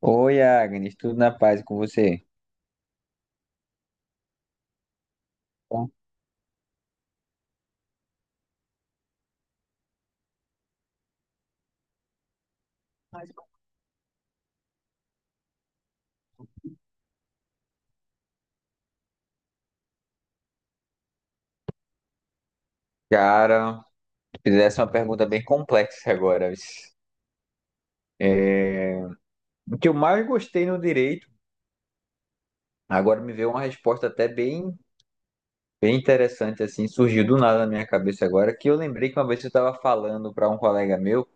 Oi, Agnes, tudo na paz e com você? Bom, cara, fizesse uma pergunta bem complexa agora. O que eu mais gostei no direito, agora me veio uma resposta até bem, bem interessante, assim, surgiu do nada na minha cabeça agora, que eu lembrei que uma vez eu estava falando para um colega meu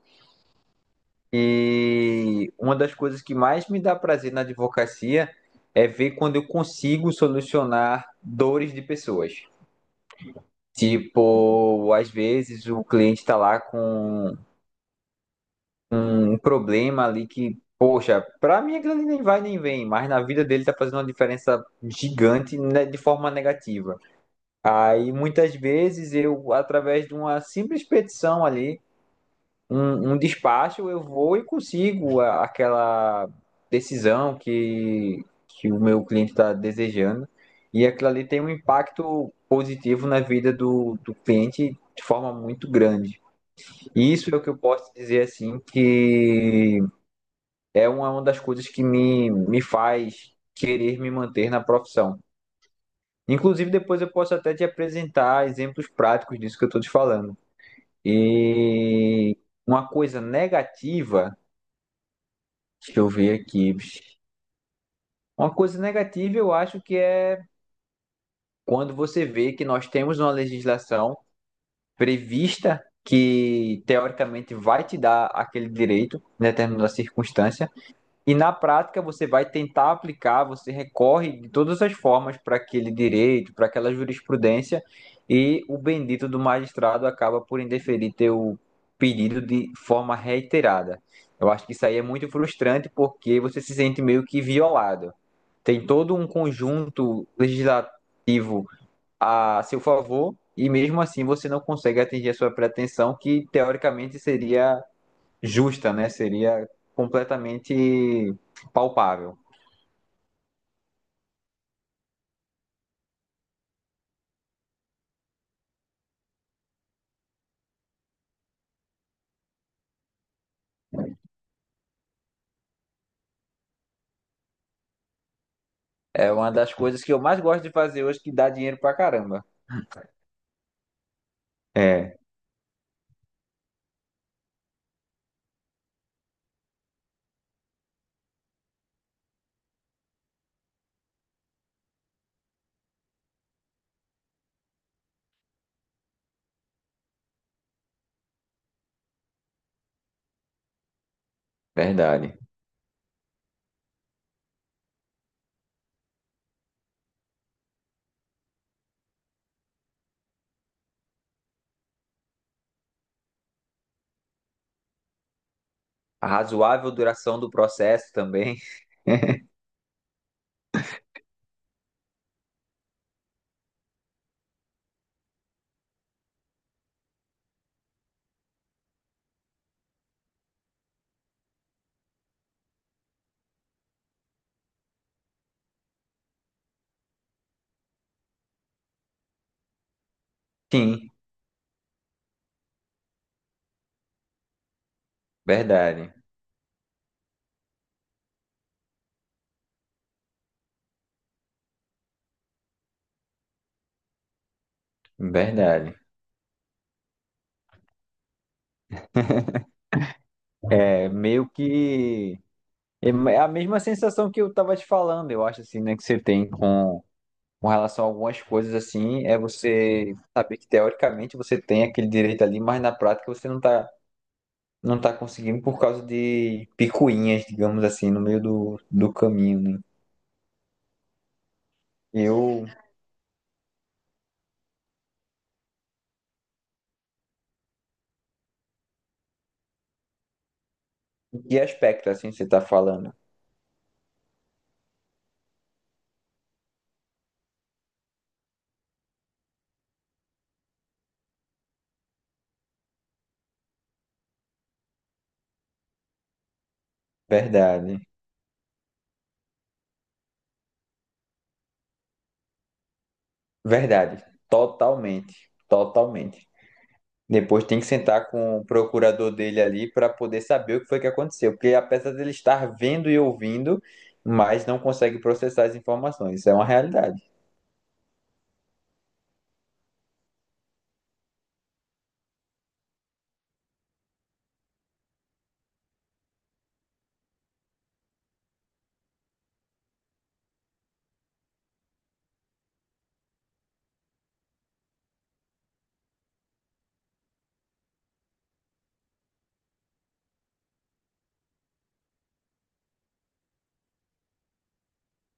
e uma das coisas que mais me dá prazer na advocacia é ver quando eu consigo solucionar dores de pessoas. Tipo, às vezes o cliente está lá com um problema ali que, poxa, pra mim aquilo ali nem vai nem vem, mas na vida dele tá fazendo uma diferença gigante, né, de forma negativa. Aí muitas vezes eu, através de uma simples petição ali, um despacho, eu vou e consigo aquela decisão que o meu cliente está desejando. E aquilo ali tem um impacto positivo na vida do cliente de forma muito grande. E isso é o que eu posso dizer assim que é uma das coisas que me faz querer me manter na profissão. Inclusive, depois eu posso até te apresentar exemplos práticos disso que eu estou te falando. E uma coisa negativa, deixa eu ver aqui. Uma coisa negativa eu acho que é quando você vê que nós temos uma legislação prevista que teoricamente vai te dar aquele direito em determinada circunstância, e na prática você vai tentar aplicar, você recorre de todas as formas para aquele direito, para aquela jurisprudência, e o bendito do magistrado acaba por indeferir teu pedido de forma reiterada. Eu acho que isso aí é muito frustrante porque você se sente meio que violado. Tem todo um conjunto legislativo a seu favor e mesmo assim você não consegue atingir a sua pretensão, que teoricamente seria justa, né? Seria completamente palpável. É uma das coisas que eu mais gosto de fazer hoje, que dá dinheiro pra caramba. É, verdade. A razoável duração do processo também. Sim, verdade. Verdade. É meio que. É a mesma sensação que eu tava te falando, eu acho, assim, né? Que você tem com relação a algumas coisas, assim, é você saber que teoricamente você tem aquele direito ali, mas na prática você não tá conseguindo por causa de picuinhas, digamos assim, no meio do caminho, né? Eu, em que aspecto assim você tá falando? Verdade, verdade, totalmente, totalmente. Depois tem que sentar com o procurador dele ali para poder saber o que foi que aconteceu, porque apesar dele estar vendo e ouvindo, mas não consegue processar as informações. Isso é uma realidade.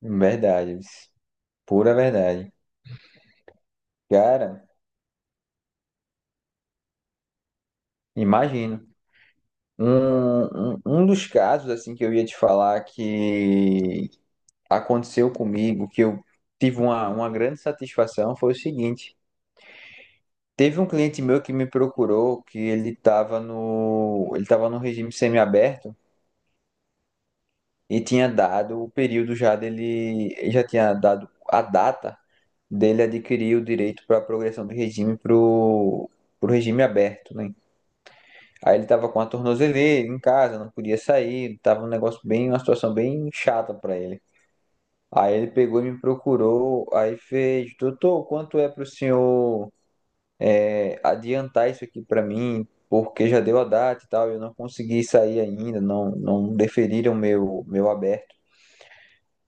Verdade, pura verdade. Cara, imagino. Um dos casos assim que eu ia te falar que aconteceu comigo, que eu tive uma grande satisfação, foi o seguinte. Teve um cliente meu que me procurou que ele estava no regime semiaberto e tinha dado o período já dele, ele já tinha dado a data dele adquirir o direito para a progressão de regime para o regime aberto, né? Aí ele tava com a tornozeleira em casa, não podia sair, tava um negócio bem, uma situação bem chata pra ele. Aí ele pegou e me procurou, aí fez, doutor, quanto é pro senhor adiantar isso aqui pra mim? Porque já deu a data e tal, eu não consegui sair ainda, não, não deferiram meu aberto.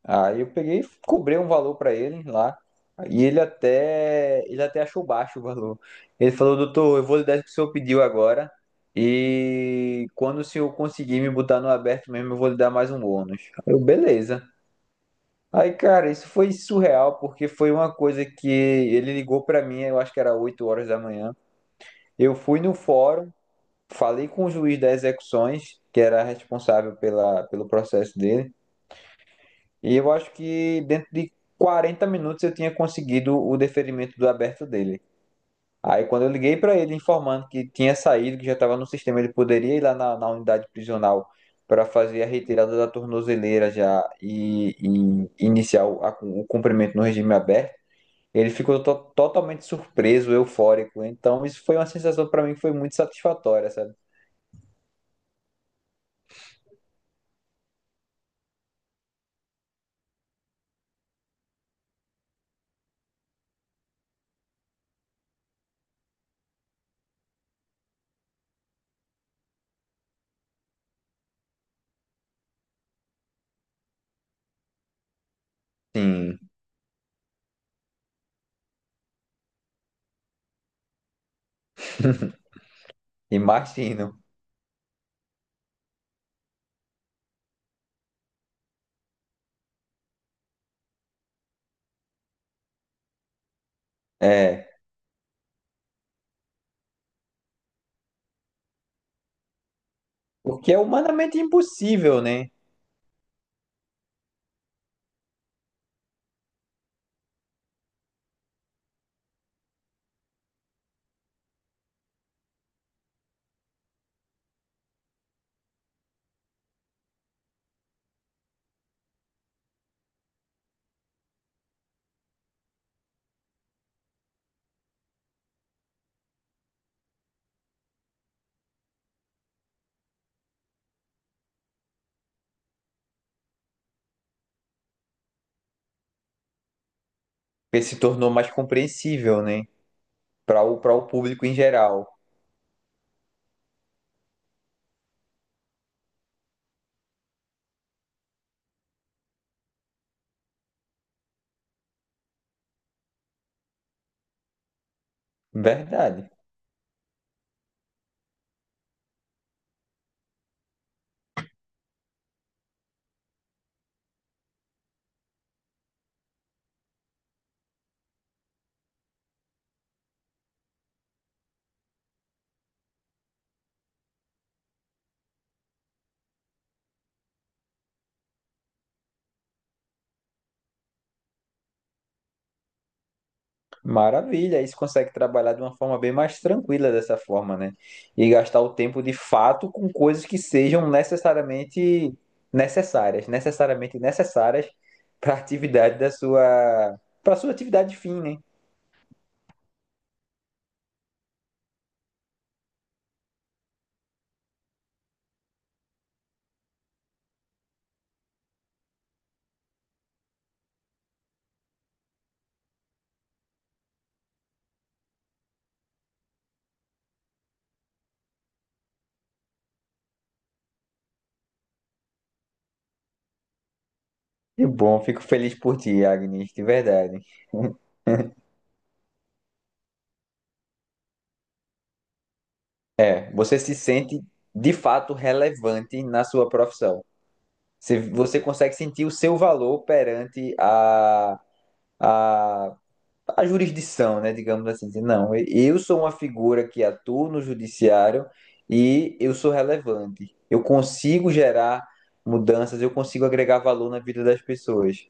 Aí eu peguei e cobrei um valor pra ele lá. E ele até achou baixo o valor. Ele falou, doutor, eu vou lhe dar o que o senhor pediu agora. E quando o senhor conseguir me botar no aberto mesmo, eu vou lhe dar mais um bônus. Eu, beleza. Aí, cara, isso foi surreal, porque foi uma coisa que ele ligou pra mim, eu acho que era 8 horas da manhã. Eu fui no fórum, falei com o juiz das execuções, que era responsável pelo processo dele. E eu acho que dentro de 40 minutos eu tinha conseguido o deferimento do aberto dele. Aí quando eu liguei para ele informando que tinha saído, que já estava no sistema, ele poderia ir lá na unidade prisional para fazer a retirada da tornozeleira já e iniciar o cumprimento no regime aberto. Ele ficou totalmente surpreso, eufórico. Então isso foi uma sensação para mim que foi muito satisfatória, sabe? Sim, imagino. É, porque é humanamente impossível, né? Porque se tornou mais compreensível, né? Para para o público em geral. Verdade. Maravilha. Aí você consegue trabalhar de uma forma bem mais tranquila dessa forma, né? E gastar o tempo de fato com coisas que sejam necessariamente necessárias para a atividade para sua atividade fim, né? Que bom, fico feliz por ti, Agnes, de verdade. É, você se sente de fato relevante na sua profissão. Você consegue sentir o seu valor perante a, a jurisdição, né? Digamos assim, dizer, não, eu sou uma figura que atua no judiciário e eu sou relevante. Eu consigo gerar mudanças, eu consigo agregar valor na vida das pessoas.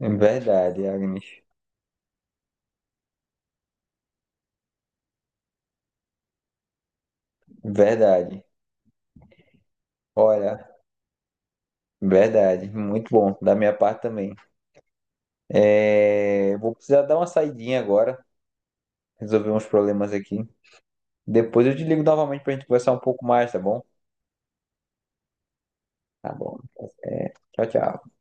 É verdade, Agnes. Verdade. Olha, verdade. Muito bom, da minha parte também. É, vou precisar dar uma saidinha agora, resolver uns problemas aqui. Depois eu te ligo novamente para a gente conversar um pouco mais, tá bom? Tá bom. É, tchau, tchau.